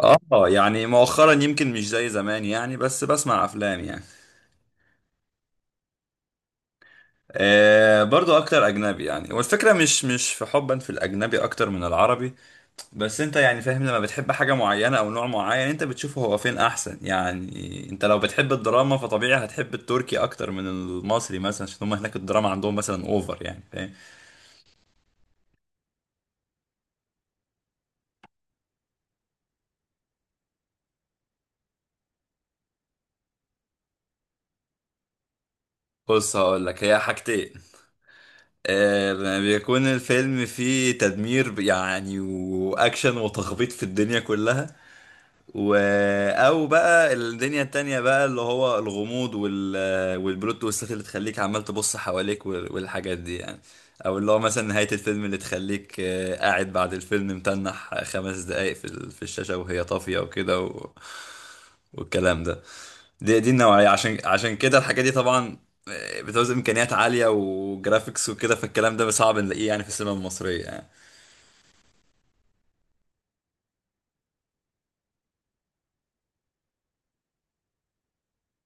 اه، يعني مؤخرا يمكن مش زي زمان يعني، بس بسمع افلام يعني. آه، برضو اكتر اجنبي يعني. والفكره مش في حبا في الاجنبي اكتر من العربي. بس انت يعني فاهم، لما بتحب حاجه معينه او نوع معين انت بتشوفه هو فين احسن، يعني انت لو بتحب الدراما فطبيعي هتحب التركي اكتر من المصري مثلا، عشان هم هناك الدراما عندهم مثلا اوفر، يعني فاهم. بص هقول لك هي حاجتين. بيكون الفيلم فيه تدمير يعني واكشن وتخبيط في الدنيا كلها، و... او بقى الدنيا التانية بقى اللي هو الغموض والبلوت تويستات اللي تخليك عمال تبص حواليك والحاجات دي يعني، او اللي هو مثلا نهاية الفيلم اللي تخليك قاعد بعد الفيلم متنح خمس دقايق في الشاشة وهي طافية وكده والكلام ده. دي النوعية، عشان كده الحاجات دي طبعا بتعوز امكانيات عالية وجرافيكس وكده، فالكلام ده صعب نلاقيه يعني في السينما المصرية يعني.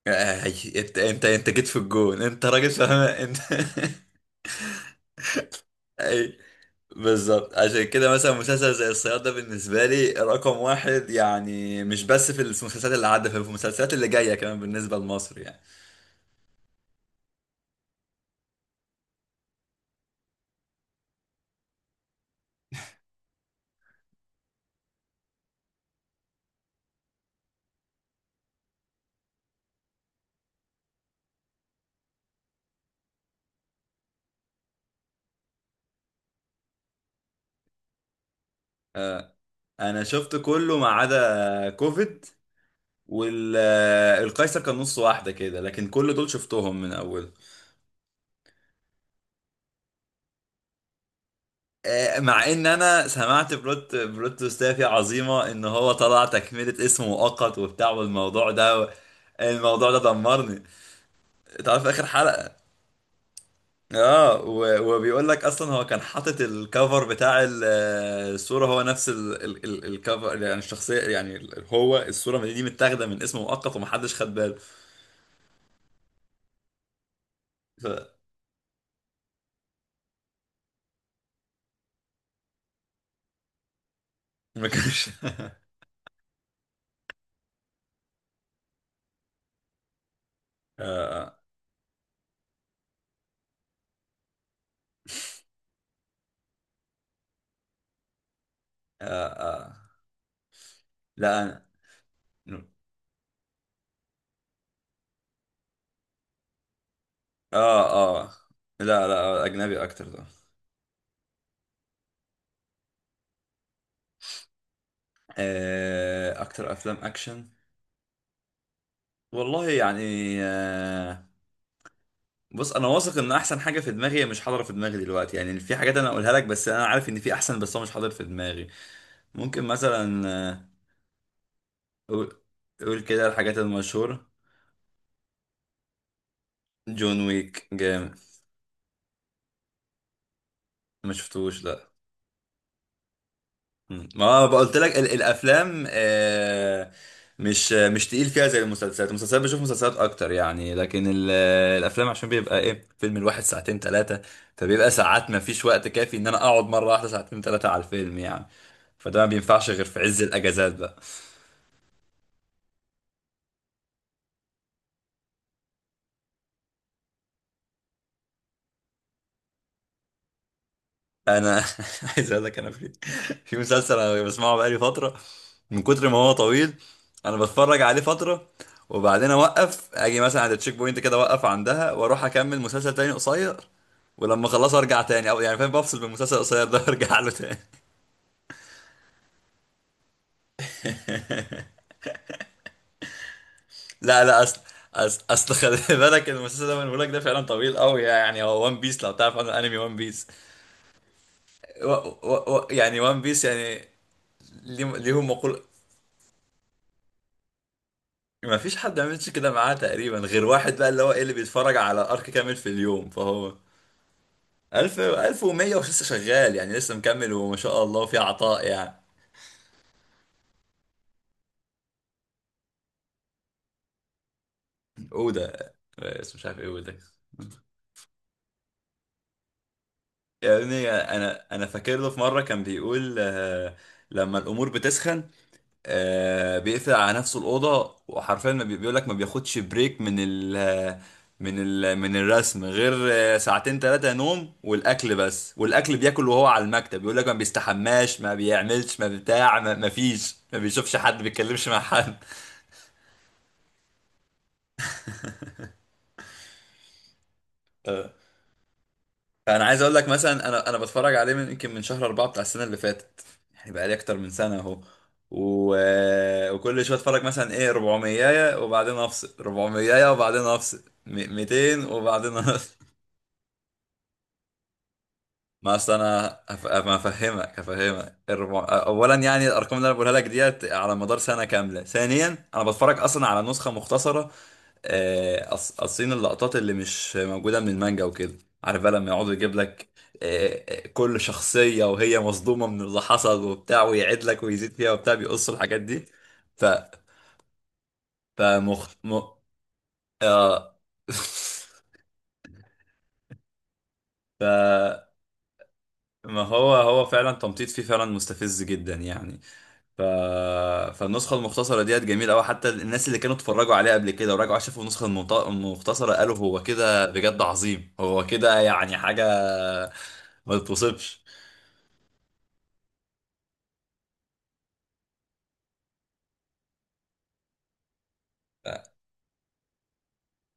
آه، انت جيت في الجون، انت راجل فاهم انت اي، بالظبط. عشان كده مثلا مسلسل زي الصياد ده بالنسبه لي رقم واحد يعني، مش بس في المسلسلات اللي عدت، في المسلسلات اللي جايه كمان بالنسبه لمصر يعني. انا شفت كله ما عدا كوفيد، والقيصر كان نص واحده كده، لكن كل دول شفتهم من اول. مع ان انا سمعت بلوت تويستات عظيمه، ان هو طلع تكمله اسم مؤقت وبتاع والموضوع ده. الموضوع ده دمرني. تعرف اخر حلقه وبيقول لك اصلا هو كان حاطط الكفر بتاع الصوره، هو نفس الكفر يعني الشخصيه يعني هو الصوره دي متاخده من اسم مؤقت ومحدش خد باله. فما كانش آه، آه، آه، آه. لا أنا. آه آه لا، لا، أجنبي أكتر ده. أكتر أفلام أكشن، والله يعني. آه بص، أنا واثق إن أحسن حاجة في دماغي هي مش حاضرة في دماغي دلوقتي، يعني في حاجات أنا أقولها لك بس أنا عارف إن في أحسن، بس هو مش حاضر في دماغي. ممكن مثلا قول قول كده الحاجات المشهورة. جون ويك جامد. ما شفتوش لا. مم. ما قلت لك الافلام مش تقيل فيها زي المسلسلات. المسلسلات بشوف مسلسلات اكتر يعني، لكن الافلام عشان بيبقى ايه، فيلم الواحد ساعتين ثلاثة، فبيبقى ساعات ما فيش وقت كافي ان انا اقعد مرة واحدة ساعتين ثلاثة على الفيلم يعني. فده ما بينفعش غير في عز الاجازات بقى. انا عايز اقول لك، انا في مسلسل انا بسمعه بقالي فتره، من كتر ما هو طويل انا بتفرج عليه فتره وبعدين اوقف، اجي مثلا عند التشيك بوينت كده اوقف عندها واروح اكمل مسلسل تاني قصير، ولما اخلصه ارجع تاني او يعني فاهم، بفصل بالمسلسل القصير ده وارجع له تاني. لا، لا، اصل خلي بالك المسلسل ده بقول لك ده فعلا طويل قوي يعني، هو وان بيس لو تعرف عن الانمي وان بيس. و و يعني وان بيس يعني، ليه ليهم مقول. ما فيش حد ما عملش كده معاه تقريبا غير واحد بقى اللي هو ايه، اللي بيتفرج على ارك كامل في اليوم، فهو 1000 1100 ولسه شغال يعني، لسه مكمل وما شاء الله في عطاء يعني. اودا، بس مش عارف ايه اودا. يا ابني، انا فاكر له في مره كان بيقول لما الامور بتسخن بيقفل على نفسه الأوضة، وحرفيا ما بيقول لك ما بياخدش بريك من الرسم غير ساعتين ثلاثة نوم، والأكل بس. والأكل بياكل وهو على المكتب، بيقول لك ما بيستحماش، ما بيعملش ما بتاع، ما فيش، ما بيشوفش حد، ما بيتكلمش مع حد. انا عايز اقول لك مثلا، انا بتفرج عليه من يمكن من شهر اربعة بتاع السنه اللي فاتت، يعني بقى لي اكتر من سنه اهو. و... وكل شويه اتفرج مثلا ايه 400 وبعدين افصل، 400 وبعدين افصل 200 وبعدين افصل ما اصل انا ما افهمك هفهمك. اولا يعني الارقام اللي انا بقولها لك ديت على مدار سنه كامله، ثانيا انا بتفرج اصلا على نسخه مختصره قاصين اللقطات اللي مش موجودة من المانجا وكده. عارف بقى لما يقعد يجيب لك كل شخصية وهي مصدومة من اللي حصل وبتاع، ويعيد لك ويزيد فيها وبتاع، بيقص الحاجات دي. ف فمخ م... آه ف ما هو فعلا تمطيط فيه فعلا مستفز جدا يعني. ف... فالنسخة المختصرة ديت جميلة أوي، حتى الناس اللي كانوا اتفرجوا عليها قبل كده وراجعوا شافوا النسخة المختصرة قالوا هو كده بجد عظيم، هو كده يعني حاجة ما تتوصفش.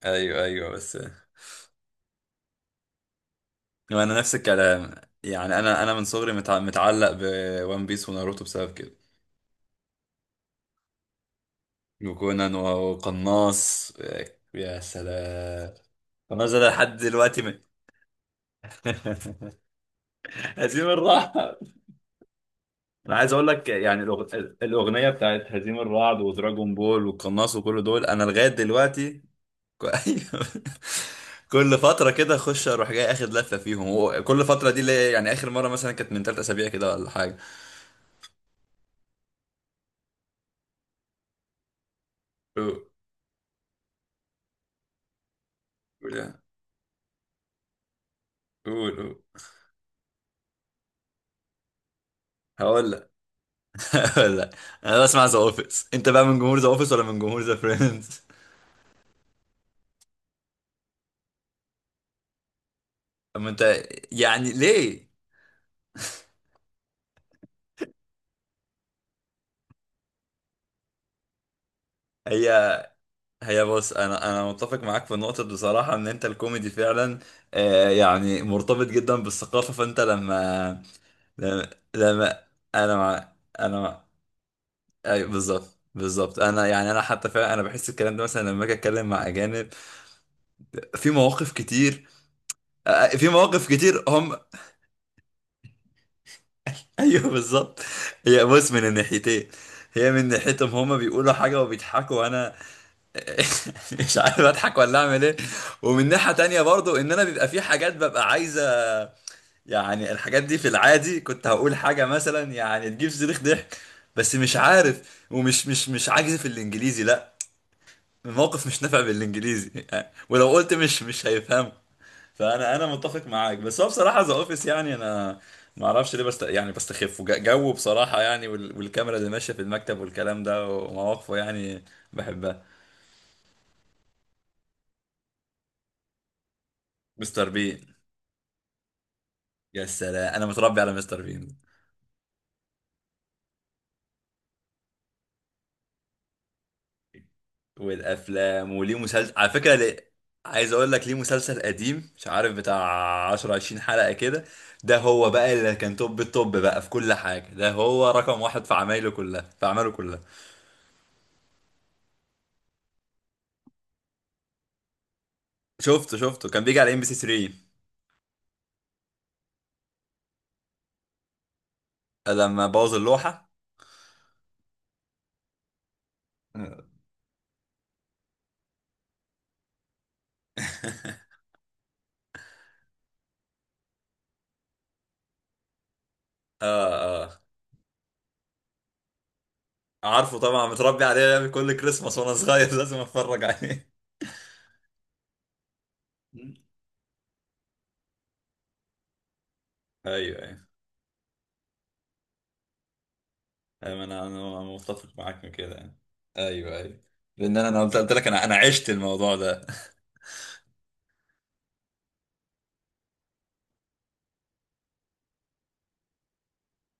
ايوه، ايوه، بس. انا نفس الكلام يعني، انا من صغري متعلق بون بيس وناروتو بسبب كده، وكونان وقناص. يا سلام. قناص ده لحد دلوقتي هزيم الرعد. انا عايز اقول لك يعني الاغنيه بتاعت هزيم الرعد ودراجون بول والقناص وكل دول انا لغايه دلوقتي أيوة. كل فتره كده اخش، اروح جاي اخد لفه فيهم، وكل فتره دي اللي هي يعني اخر مره مثلا كانت من ثلاث اسابيع كده ولا حاجه. قول، قول. هقول لك هقول لك. انا بسمع ذا اوفيس، انت بقى من جمهور ذا اوفيس ولا من جمهور ذا فريندز؟ اما انت، يعني ليه. هي هي بص، انا متفق معاك في النقطه دي بصراحه، ان انت الكوميدي فعلا يعني مرتبط جدا بالثقافه، فانت لما، لما, لما انا مع انا مع ايوه بالظبط، بالظبط. انا يعني انا حتى فعلا، انا بحس الكلام ده مثلا لما اجي اتكلم مع اجانب في مواقف كتير، في مواقف كتير هم ايوه، بالظبط. هي بص، من الناحيتين، هي من ناحيتهم هما بيقولوا حاجة وبيضحكوا وانا مش عارف اضحك ولا اعمل ايه. ومن ناحية تانية برضو، ان انا بيبقى في حاجات ببقى عايزة يعني، الحاجات دي في العادي كنت هقول حاجة مثلا يعني تجيب صريخ ضحك، بس مش عارف، ومش مش مش عاجز في الانجليزي لا، الموقف مش نافع بالانجليزي ولو قلت مش هيفهمه. فانا، متفق معاك، بس هو بصراحه ذا اوفيس يعني انا ما اعرفش ليه بست يعني بستخفه جو بصراحه يعني والكاميرا اللي ماشيه في المكتب والكلام ده ومواقفه يعني. بحبها. مستر بين، يا سلام، انا متربي على مستر بين. والافلام، وليه مسلسل على فكره، ليه. عايز اقول لك ليه، مسلسل قديم مش عارف بتاع 10 20 حلقه كده. ده هو بقى اللي كان توب التوب بقى في كل حاجه، ده هو رقم واحد في عمايله كلها، في اعماله كلها. شفته، شفته كان بيجي على ام بي سي 3 لما بوظ اللوحه اه، اه. عارفه طبعا، متربي عليه من كل كريسماس وانا صغير لازم اتفرج عليه. ايوه، ايوه. أيوة، انا متفق معاك في كده يعني. ايوه، ايوه. لان انا، قلت لك، انا عشت الموضوع ده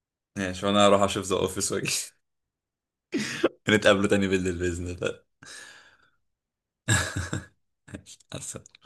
ماشي، وانا هروح اشوف ذا اوفيس واجي نتقابلوا تاني بالليل باذن الله مع السلامة.